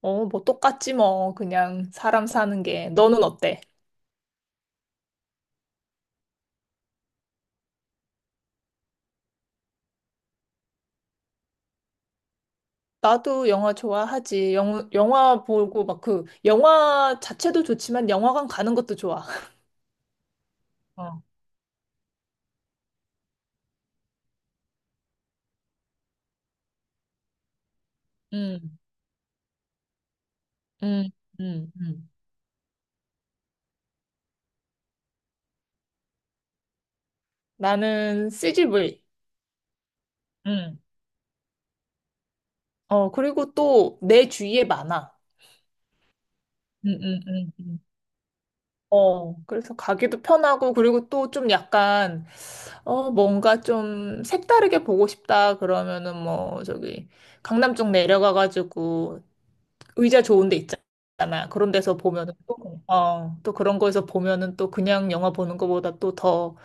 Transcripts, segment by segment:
어, 뭐 똑같지 뭐. 그냥 사람 사는 게. 너는 어때? 나도 영화 좋아하지. 영, 영화 보고 막 그 영화 자체도 좋지만 영화관 가는 것도 좋아. 어. 음. 음. 음. 음. 나는 CGV. 음. 어, 그리고 또 내 주위에 많아. 음, 음, 음, 음. 어, 그래서 가기도 편하고, 그리고 또 좀 약간, 어, 뭔가 좀 색다르게 보고 싶다, 그러면은 뭐, 저기, 강남 쪽 내려가가지고, 의자 좋은 데 있잖아. 그런 데서 보면은 또, 어, 또 그런 거에서 보면은 또 그냥 영화 보는 거보다 또 더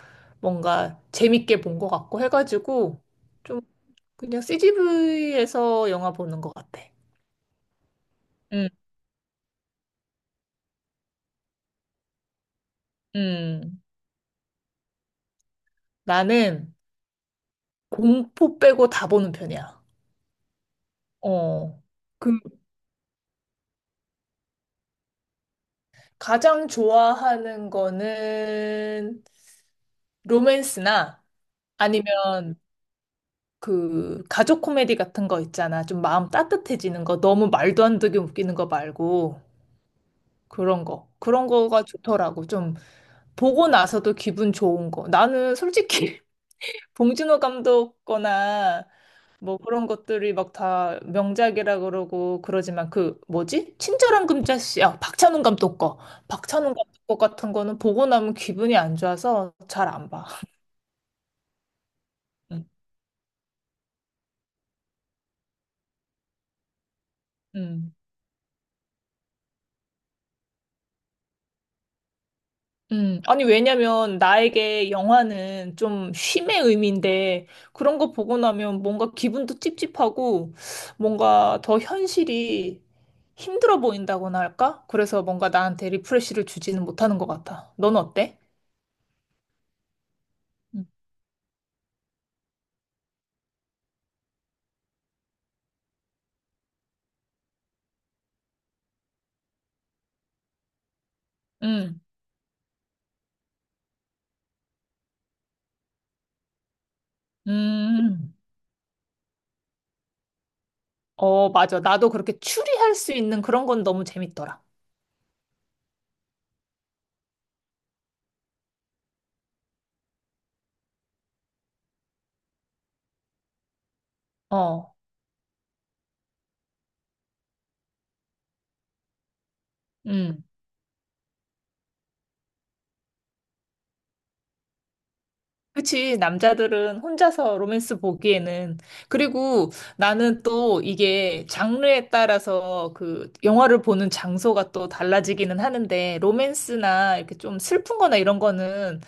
뭔가 재밌게 본 것 같고 해가지고 좀 그냥 CGV에서 영화 보는 것 같아. 음, 음. 나는 공포 빼고 다 보는 편이야. 어. 그 가장 좋아하는 거는 로맨스나 아니면 그 가족 코미디 같은 거 있잖아. 좀 마음 따뜻해지는 거. 너무 말도 안 되게 웃기는 거 말고 그런 거. 그런 거가 좋더라고. 좀 보고 나서도 기분 좋은 거. 나는 솔직히 봉준호 감독 거나 뭐 그런 것들이 막 다 명작이라 그러고 그러지만 그 뭐지? 친절한 금자씨. 아, 박찬욱 감독 거. 박찬욱 감독 거 같은 거는 보고 나면 기분이 안 좋아서 잘 안 봐. 응. 응. 아니, 왜냐면, 나에게 영화는 좀 쉼의 의미인데, 그런 거 보고 나면 뭔가 기분도 찝찝하고, 뭔가 더 현실이 힘들어 보인다고나 할까? 그래서 뭔가 나한테 리프레시를 주지는 못하는 것 같아. 넌 어때? 음. 음, 음, 어, 맞아. 나도 그렇게 추리할 수 있는 그런 건 너무 재밌더라. 어, 그치, 남자들은 혼자서 로맨스 보기에는. 그리고 나는 또 이게 장르에 따라서 그 영화를 보는 장소가 또 달라지기는 하는데, 로맨스나 이렇게 좀 슬픈 거나 이런 거는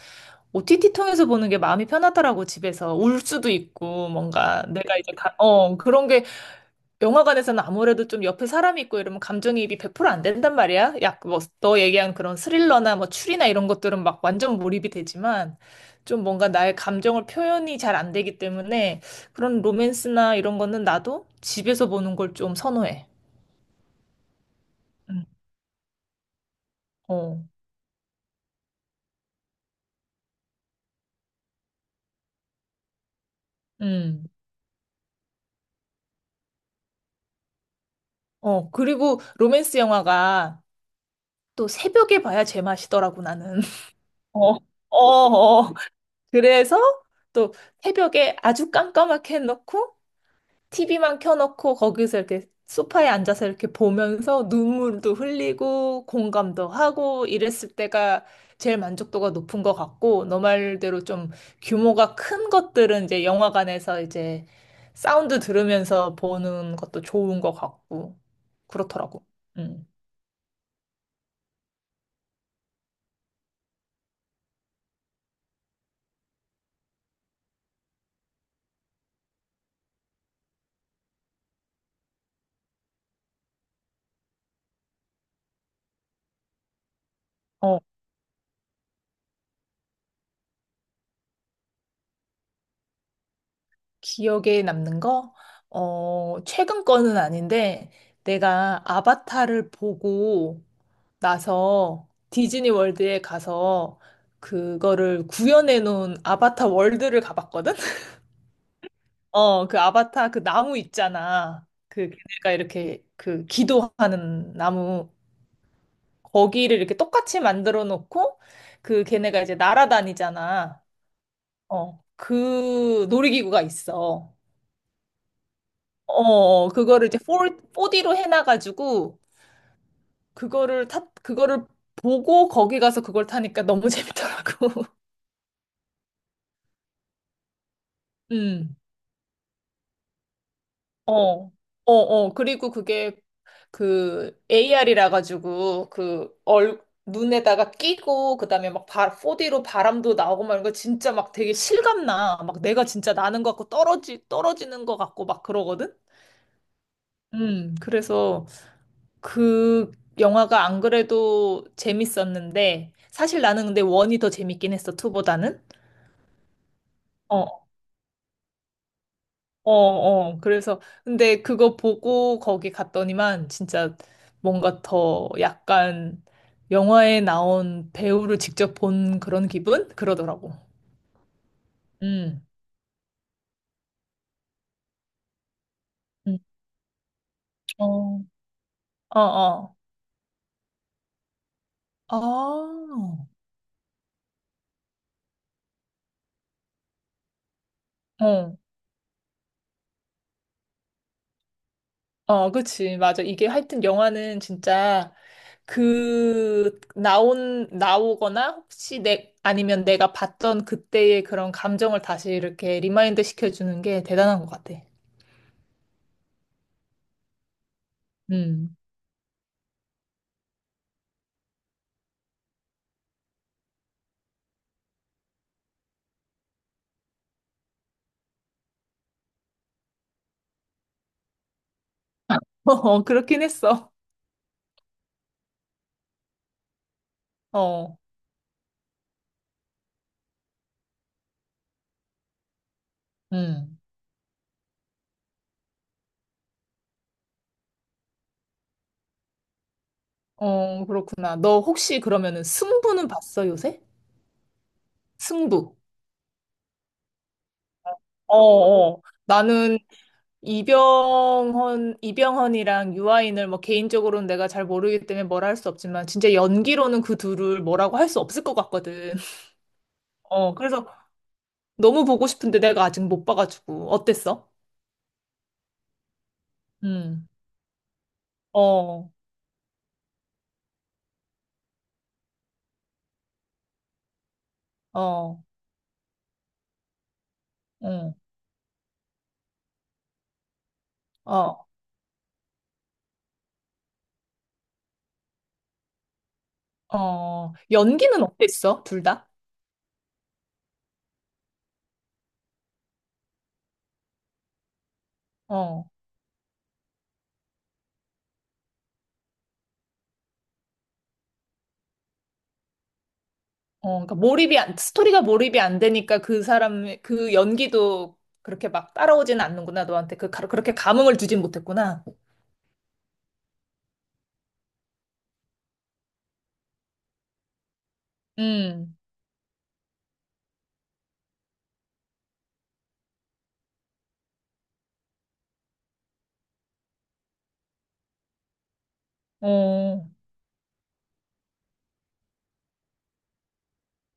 OTT 통해서 보는 게 마음이 편하더라고, 집에서. 울 수도 있고, 뭔가 내가 이제, 어, 그런 게 영화관에서는 아무래도 좀 옆에 사람이 있고 이러면 감정이입이 100% 안 된단 말이야. 약 뭐 너 얘기한 그런 스릴러나 뭐 추리나 이런 것들은 막 완전 몰입이 되지만 좀 뭔가 나의 감정을 표현이 잘 안 되기 때문에 그런 로맨스나 이런 거는 나도 집에서 보는 걸 좀 선호해. 음. 어. 음. 어. 그리고 로맨스 영화가 또 새벽에 봐야 제맛이더라고 나는. 어. 어. 어. 그래서 또 새벽에 아주 깜깜하게 해놓고 TV만 켜놓고 거기서 이렇게 소파에 앉아서 이렇게 보면서 눈물도 흘리고 공감도 하고 이랬을 때가 제일 만족도가 높은 것 같고 너 말대로 좀 규모가 큰 것들은 이제 영화관에서 이제 사운드 들으면서 보는 것도 좋은 것 같고 그렇더라고. 음. 어, 기억에 남는 거? 어, 최근 거는 아닌데 내가 아바타를 보고 나서 디즈니 월드에 가서 그거를 구현해 놓은 아바타 월드를 가봤거든? 어, 그 아바타 그 나무 있잖아. 그 걔네가 이렇게 그 기도하는 나무 거기를 이렇게 똑같이 만들어 놓고 그 걔네가 이제 날아다니잖아. 어, 그 놀이기구가 있어. 어, 어, 어. 그거를 이제 4D로 해놔가지고 그거를 보고 거기 가서 그걸 타니까 너무 재밌더라고. 음. 어, 어, 어. 그리고 그게 그 AR이라 가지고 그 눈에다가 끼고 그다음에 막 4D로 바람도 나오고 막 이런 거 진짜 막 되게 실감나. 막 내가 진짜 나는 것 같고 떨어지는 것 같고 막 그러거든? 그래서 그 영화가 안 그래도 재밌었는데 사실 나는 근데 원이 더 재밌긴 했어, 투보다는. 어, 어. 어, 어. 그래서, 근데 그거 보고 거기 갔더니만 진짜 뭔가 더 약간 영화에 나온 배우를 직접 본 그런 기분? 그러더라고. 음. 음. 어, 어, 어. 아, 어, 어, 그치. 맞아. 이게 하여튼 영화는 진짜 나오거나 혹시 아니면 내가 봤던 그때의 그런 감정을 다시 이렇게 리마인드 시켜주는 게 대단한 것 같아. 음. 어, 그렇긴 했어. 어, 음. 어, 그렇구나. 너 혹시 그러면은 승부는 봤어, 요새? 승부. 어, 어. 나는 이병헌이랑 유아인을 뭐 개인적으로는 내가 잘 모르기 때문에 뭐라 할 수 없지만 진짜 연기로는 그 둘을 뭐라고 할 수 없을 것 같거든. 어, 그래서 너무 보고 싶은데 내가 아직 못 봐가지고. 어땠어? 음. 어, 어, 응, 어, 어. 연기는 어땠어? 둘 다? 어. 어, 그러니까 몰입이 안, 스토리가 몰입이 안 되니까 그 사람, 그 연기도 그렇게 막 따라오지는 않는구나, 너한테. 그렇게 감흥을 주진 못했구나. 음, 어,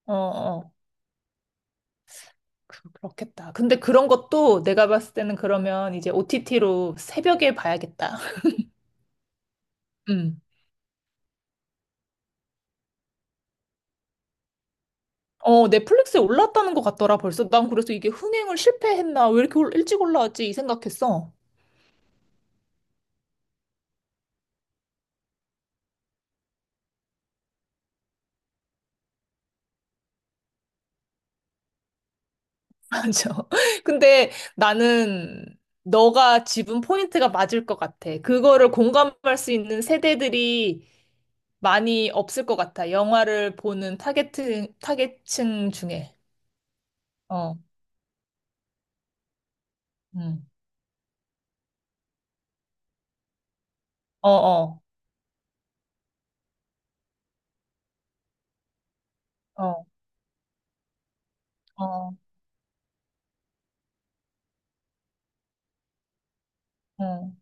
어, 어. 그- 그렇겠다. 근데 그런 것도 내가 봤을 때는 그러면 이제 OTT로 새벽에 봐야겠다. 음. 어, 넷플릭스에 올랐다는 것 같더라, 벌써. 난 그래서 이게 흥행을 실패했나? 왜 이렇게 일찍 올라왔지? 이 생각했어. 맞아. 근데 나는 너가 짚은 포인트가 맞을 것 같아. 그거를 공감할 수 있는 세대들이 많이 없을 것 같아. 영화를 보는 타겟층 중에. 어, 음. 어, 어, 어, 어, 어.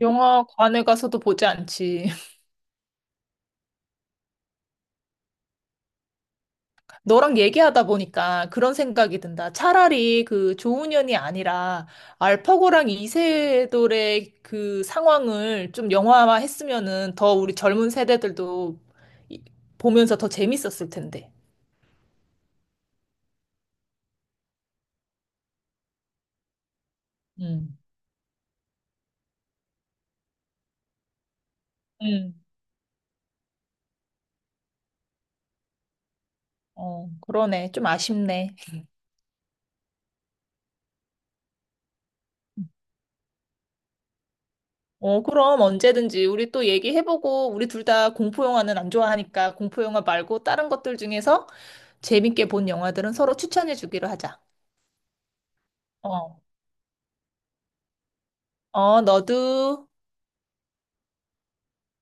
영화관에 가서도 보지 않지. 너랑 얘기하다 보니까 그런 생각이 든다. 차라리 그 조훈현이 아니라 알파고랑 이세돌의 그 상황을 좀 영화화 했으면은 더 우리 젊은 세대들도 이- 보면서 더 재밌었을 텐데. 음. 음. 어, 그러네. 좀 아쉽네. 어, 그럼 언제든지 우리 또 얘기해보고 우리 둘 다 공포 영화는 안 좋아하니까 공포 영화 말고 다른 것들 중에서 재밌게 본 영화들은 서로 추천해주기로 하자. 어. 어, 너도.